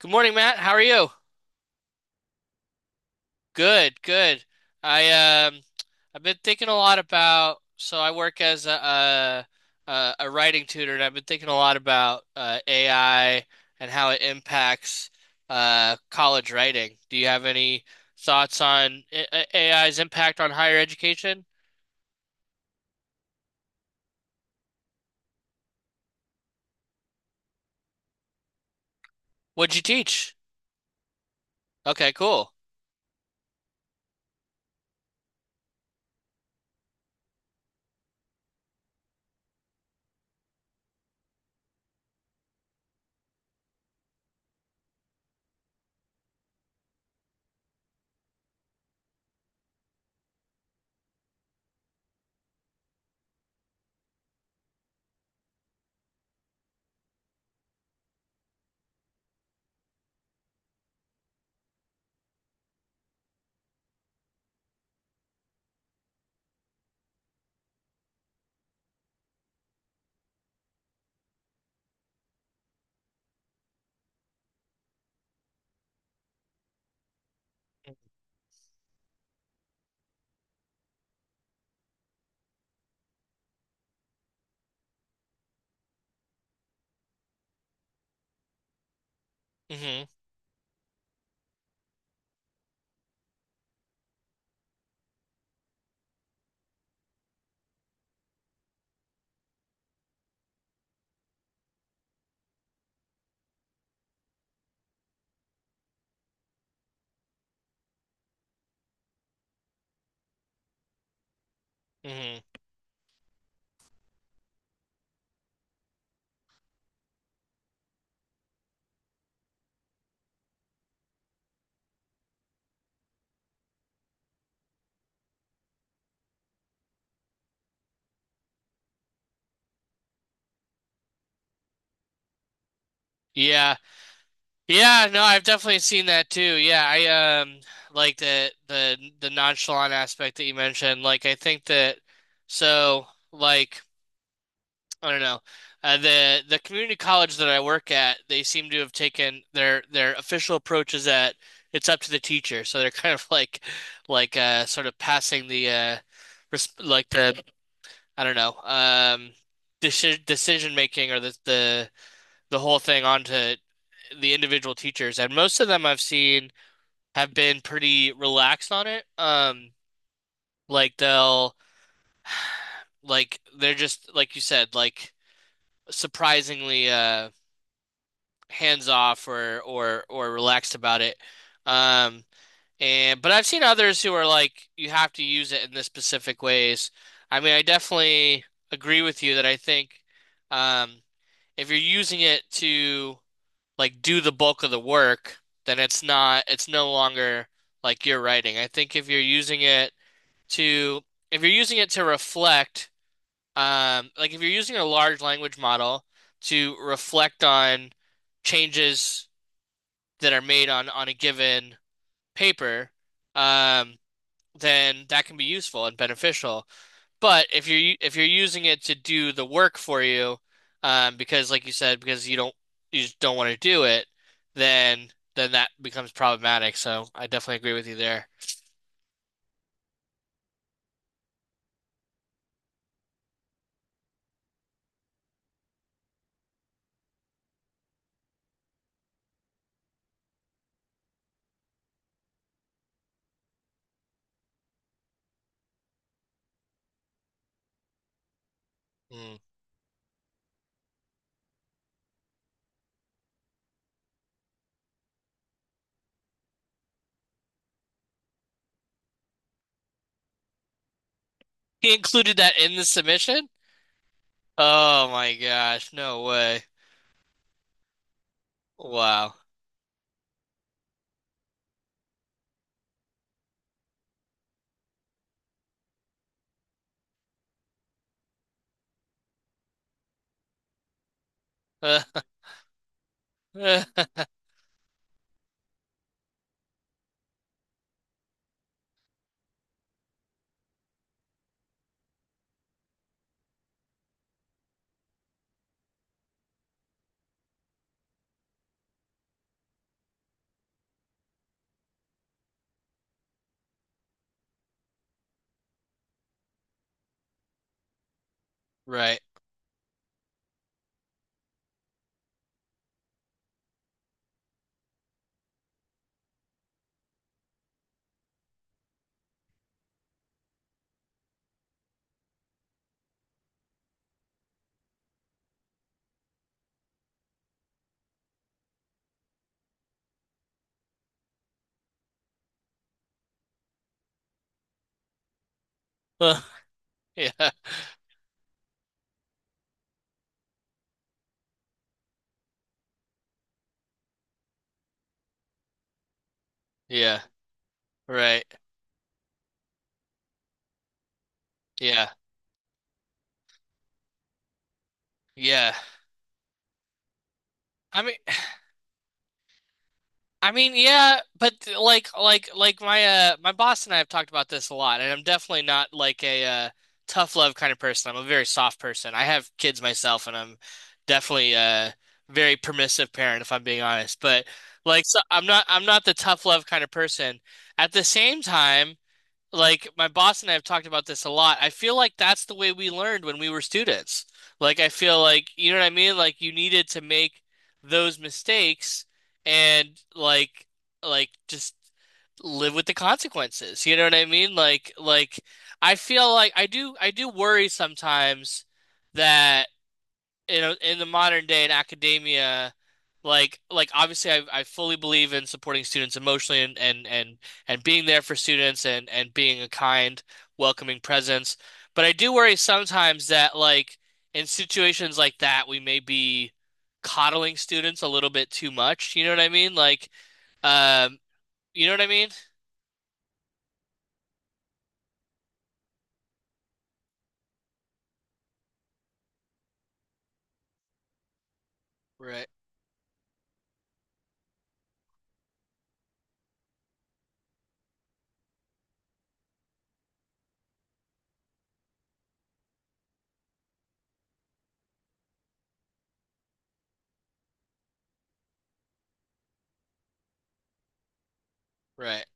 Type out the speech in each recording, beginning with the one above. Good morning, Matt. How are you? Good, good. I um I've been thinking a lot about I work as a writing tutor, and I've been thinking a lot about AI and how it impacts college writing. Do you have any thoughts on AI's impact on higher education? What'd you teach? Okay, cool. Hmm. Hmm. Yeah. Yeah, no, I've definitely seen that too. Yeah, I um like the nonchalant aspect that you mentioned. Like, I think that, so like I don't know. The community college that I work at, they seem to have taken their official approach is that it's up to the teacher. So they're kind of like, like sort of passing the res like the I don't know, decision making, or the the whole thing onto the individual teachers, and most of them I've seen have been pretty relaxed on it. Like they'll, they're just like you said, like surprisingly hands off, or or relaxed about it. Um, and but I've seen others who are like, you have to use it in this specific ways. I mean, I definitely agree with you that I think, um if you're using it to like do the bulk of the work, then it's not it's no longer like your writing. I think if you're using it to, if you're using it to reflect, like if you're using a large language model to reflect on changes that are made on a given paper, um, then that can be useful and beneficial. But if you're using it to do the work for you, because like you said, because you just don't want to do it, then, that becomes problematic. So I definitely agree with you there. Mm. He included that in the submission? Oh my gosh, no way. Wow. Right. Yeah. Yeah. Right. Yeah. Yeah. I mean, I mean, yeah, but like my my boss and I have talked about this a lot, and I'm definitely not like a tough love kind of person. I'm a very soft person. I have kids myself, and I'm definitely a very permissive parent, if I'm being honest. But like, so I'm not the tough love kind of person. At the same time, like, my boss and I have talked about this a lot. I feel like that's the way we learned when we were students. Like, I feel like, you know what I mean? Like, you needed to make those mistakes and just live with the consequences. You know what I mean? I feel like I do worry sometimes that, you know, in the modern day in academia, obviously I fully believe in supporting students emotionally, and, and and being there for students, and being a kind, welcoming presence. But I do worry sometimes that, like, in situations like that, we may be coddling students a little bit too much. You know what I mean? Like, um you know what I mean? Right, right.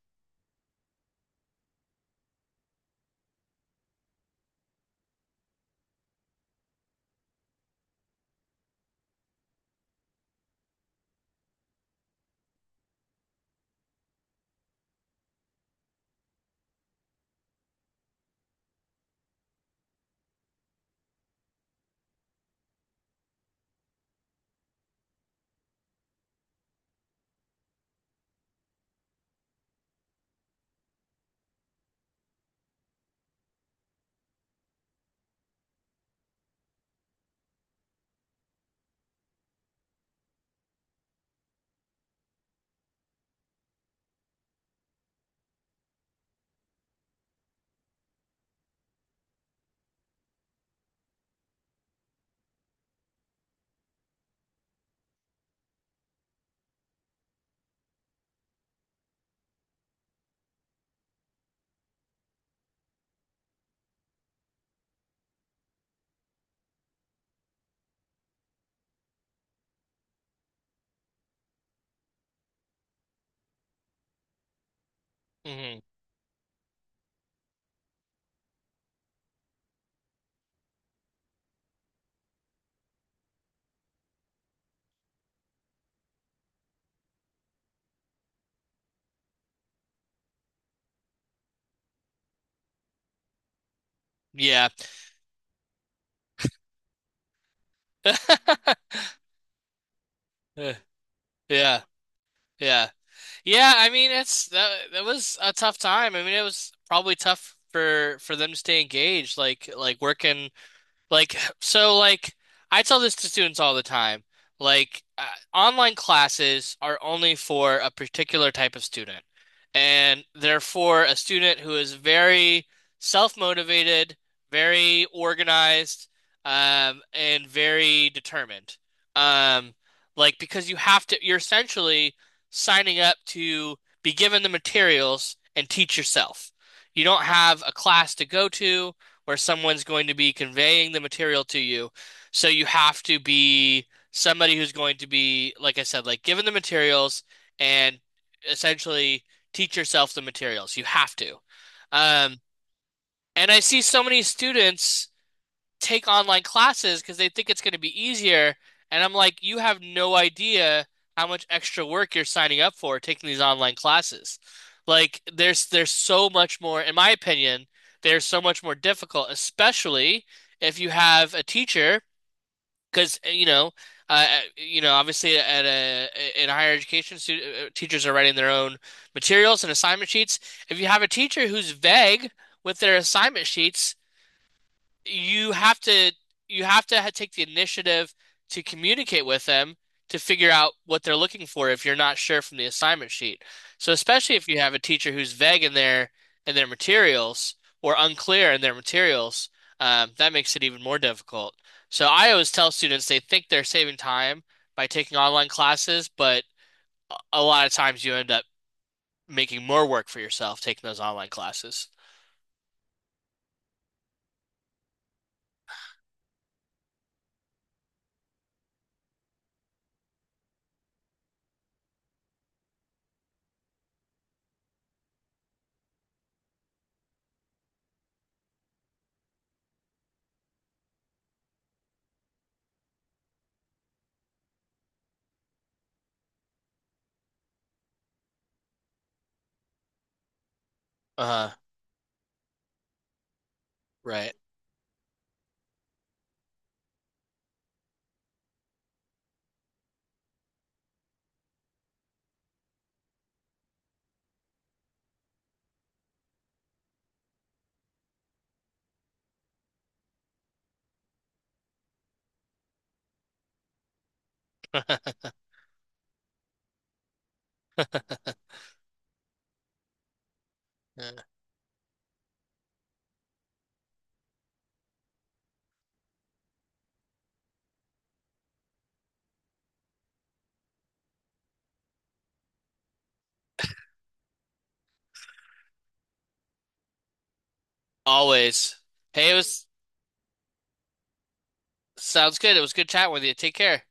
Hmm. Yeah. Yeah. Yeah. Yeah, I mean it's that was a tough time. I mean it was probably tough for them to stay engaged, like working. Like, so, like, I tell this to students all the time. Like, online classes are only for a particular type of student. And they're for a student who is very self-motivated, very organized, and very determined. Um, like, because you have to, you're essentially signing up to be given the materials and teach yourself. You don't have a class to go to where someone's going to be conveying the material to you. So you have to be somebody who's going to be, like I said, like given the materials, and essentially teach yourself the materials. You have to. Um, and I see so many students take online classes because they think it's going to be easier. And I'm like, you have no idea how much extra work you're signing up for taking these online classes. Like, there's so much more, in my opinion, they're so much more difficult, especially if you have a teacher, because, you know, you know, obviously at in higher education, stu teachers are writing their own materials and assignment sheets. If you have a teacher who's vague with their assignment sheets, you have to, take the initiative to communicate with them to figure out what they're looking for if you're not sure from the assignment sheet. So, especially if you have a teacher who's vague in their, materials or unclear in their materials, that makes it even more difficult. So I always tell students they think they're saving time by taking online classes, but a lot of times you end up making more work for yourself taking those online classes. Uh, right. Yeah. Always. Hey, it was, sounds good. It was good chatting with you. Take care.